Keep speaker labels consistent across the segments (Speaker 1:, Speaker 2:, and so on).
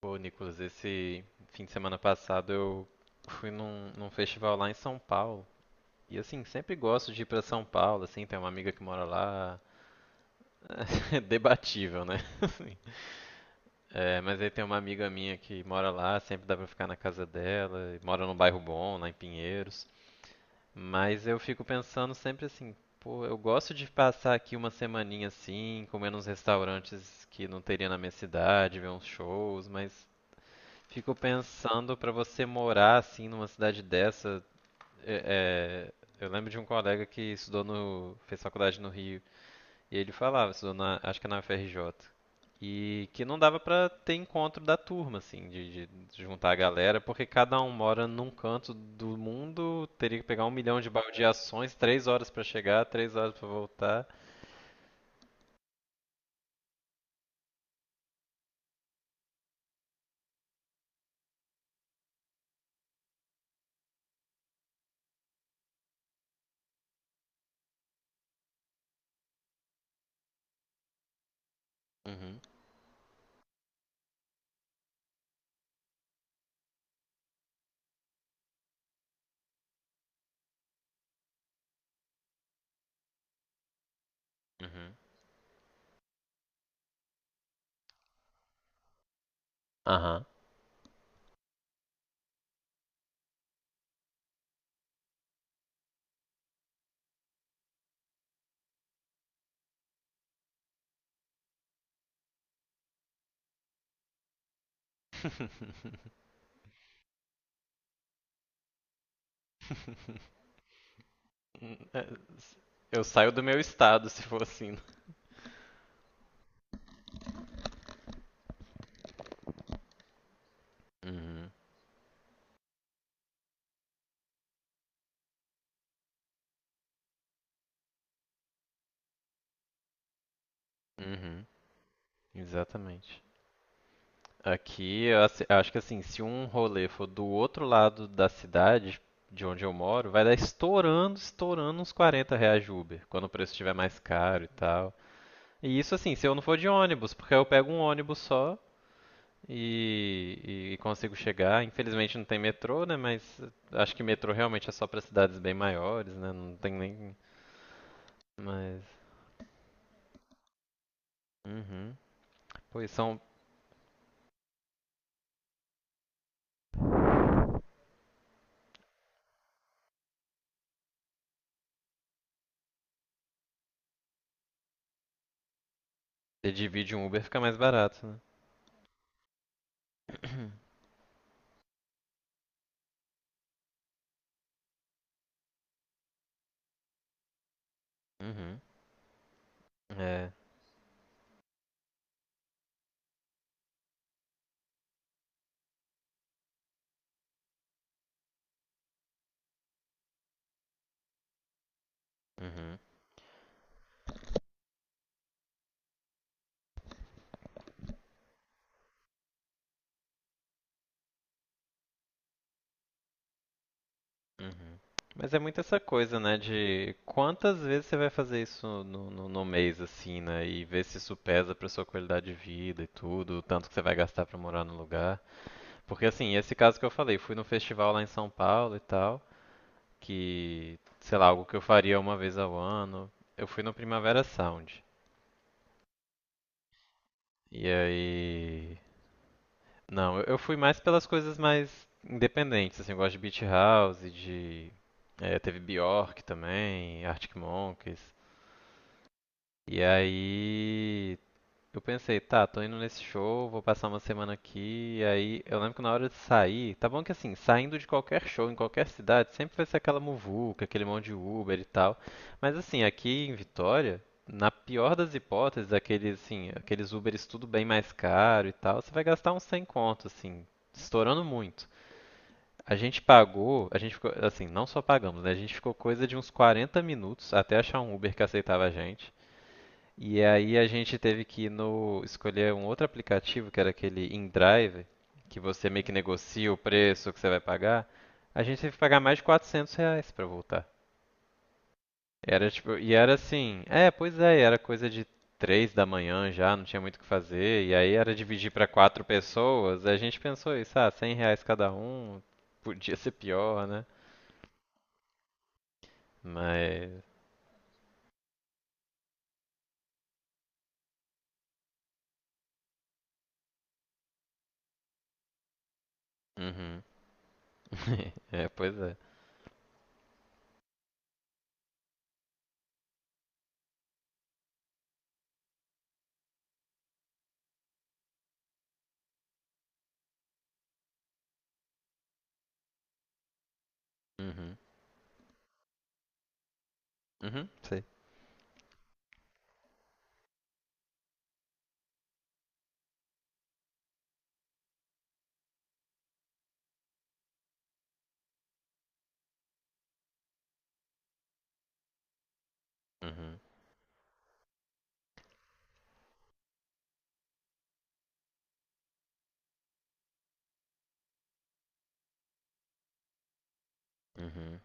Speaker 1: Pô, Nicolas, esse fim de semana passado eu fui num festival lá em São Paulo. E assim, sempre gosto de ir pra São Paulo, assim, tem uma amiga que mora lá. É debatível, né? Assim. É, mas aí tem uma amiga minha que mora lá, sempre dá pra ficar na casa dela, e mora num bairro bom, lá em Pinheiros. Mas eu fico pensando sempre assim, pô, eu gosto de passar aqui uma semaninha assim, comer nos restaurantes que não teria na minha cidade, ver uns shows, mas fico pensando pra você morar assim numa cidade dessa. é- É, eu lembro de um colega que estudou no, fez faculdade no Rio e ele falava, estudou na, acho que na UFRJ, e que não dava pra ter encontro da turma assim, de juntar a galera, porque cada um mora num canto do mundo, teria que pegar um milhão de baldeações, três horas pra chegar, três horas pra voltar. Uhum, uhum, aham. Eu saio do meu estado se for assim. Uhum. Uhum, exatamente. Aqui, acho que assim, se um rolê for do outro lado da cidade, de onde eu moro, vai dar estourando, estourando uns R$ 40 de Uber, quando o preço estiver mais caro e tal. E isso assim, se eu não for de ônibus, porque eu pego um ônibus só e consigo chegar. Infelizmente não tem metrô, né? Mas acho que metrô realmente é só para cidades bem maiores, né? Não tem nem. Mas. Uhum. Pois são. Você divide um Uber, fica mais barato, né? Uhum. É. Uhum. Uhum. Mas é muito essa coisa, né, de quantas vezes você vai fazer isso no mês, assim, né, e ver se isso pesa pra sua qualidade de vida e tudo, o tanto que você vai gastar pra morar no lugar. Porque, assim, esse caso que eu falei, fui no festival lá em São Paulo e tal, que, sei lá, algo que eu faria uma vez ao ano, eu fui no Primavera Sound. E aí, não, eu fui mais pelas coisas mais independentes, assim, eu gosto de Beach House, de... teve Bjork também, Arctic Monkeys. E aí eu pensei, tá, tô indo nesse show, vou passar uma semana aqui, e aí eu lembro que na hora de sair, tá bom que assim, saindo de qualquer show em qualquer cidade, sempre vai ser aquela muvuca, aquele monte de Uber e tal. Mas assim, aqui em Vitória, na pior das hipóteses, aqueles assim, aqueles Uberes tudo bem mais caro e tal, você vai gastar uns 100 conto, assim, estourando muito. A gente pagou, a gente ficou, assim, não só pagamos, né? A gente ficou coisa de uns 40 minutos até achar um Uber que aceitava a gente. E aí a gente teve que ir no escolher um outro aplicativo, que era aquele InDrive, que você meio que negocia o preço que você vai pagar. A gente teve que pagar mais de R$ 400 pra voltar. Era tipo, e era assim, é, pois é, e era coisa de três da manhã já, não tinha muito o que fazer, e aí era dividir pra quatro pessoas, a gente pensou isso, ah, R$ 100 cada um, podia ser pior, né? Mas, uhum. É, pois é. Uhum. Uhum, sei. Uhum. Uhum.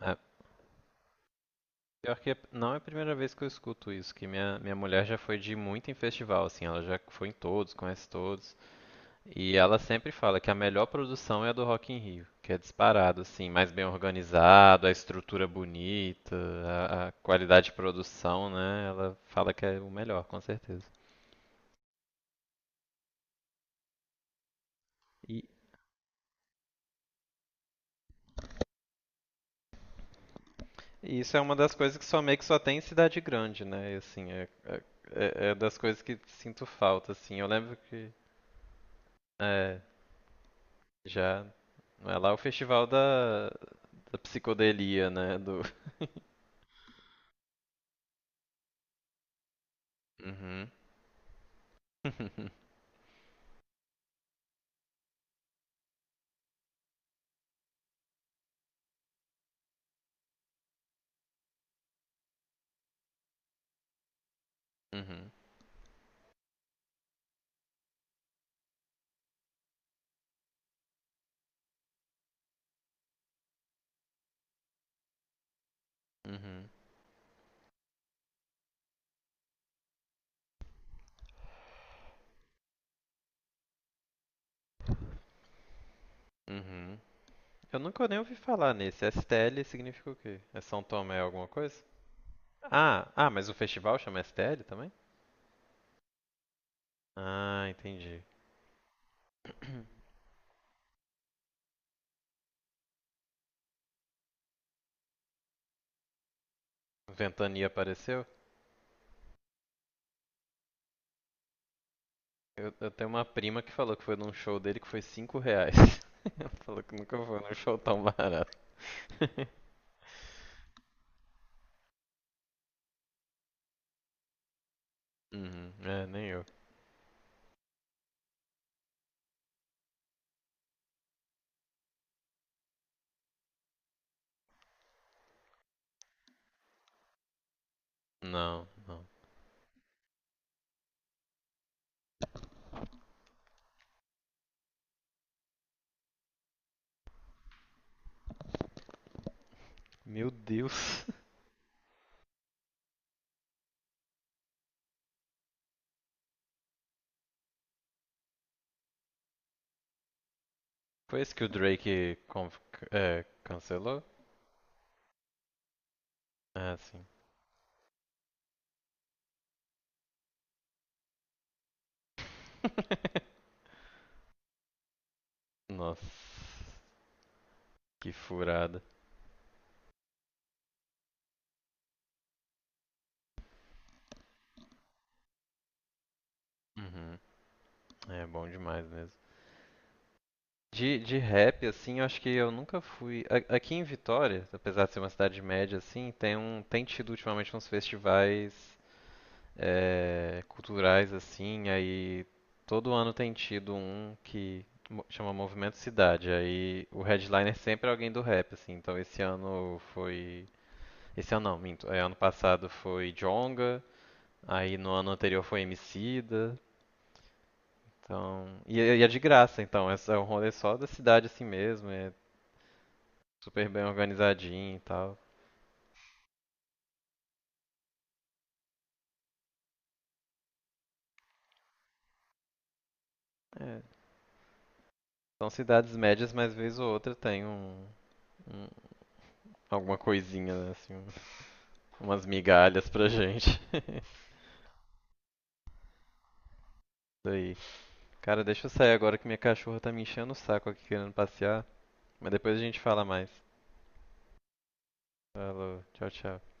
Speaker 1: Ah, pior que não é a primeira vez que eu escuto isso, que minha mulher já foi de muito em festival, assim, ela já foi em todos, conhece todos, e ela sempre fala que a melhor produção é a do Rock in Rio, que é disparado, assim, mais bem organizado, a estrutura bonita, a qualidade de produção, né? Ela fala que é o melhor, com certeza. E, e isso é uma das coisas que só meio que só tem em cidade grande, né? E, assim, é das coisas que sinto falta, assim. Eu lembro que é, já é lá o festival da psicodelia, né? Do... Uhum. Uhum. Uhum. Uhum. Eu nunca nem ouvi falar nesse. STL significa o quê? É São Tomé alguma coisa? Ah, mas o festival chama STL também? Ah, entendi. Ventania apareceu? Eu tenho uma prima que falou que foi num show dele que foi R$ 5. Ela falou que nunca foi num show tão barato. Uhum. É, nem eu. Não, não. Meu Deus. Foi esse que o é, cancelou? Ah, sim. Nossa, que furada. Uhum. É bom demais mesmo. De rap, assim, eu acho que eu nunca fui. Aqui em Vitória, apesar de ser uma cidade média, assim, tem um. Tem tido ultimamente uns festivais é, culturais, assim, aí todo ano tem tido um que chama Movimento Cidade. Aí o headliner sempre é alguém do rap, assim. Então esse ano foi. Esse ano não, minto. Ano passado foi Djonga, aí no ano anterior foi Emicida. Então, é e é de graça, então. É um rolê só da cidade assim mesmo, é super bem organizadinho e tal. É, são cidades médias, mas vez ou outra tem um- alguma coisinha, né, assim, um- umas migalhas pra gente. Isso aí. Cara, deixa eu sair agora que minha cachorra tá me enchendo o saco aqui querendo passear, mas depois a gente fala mais. Falou, tchau, tchau.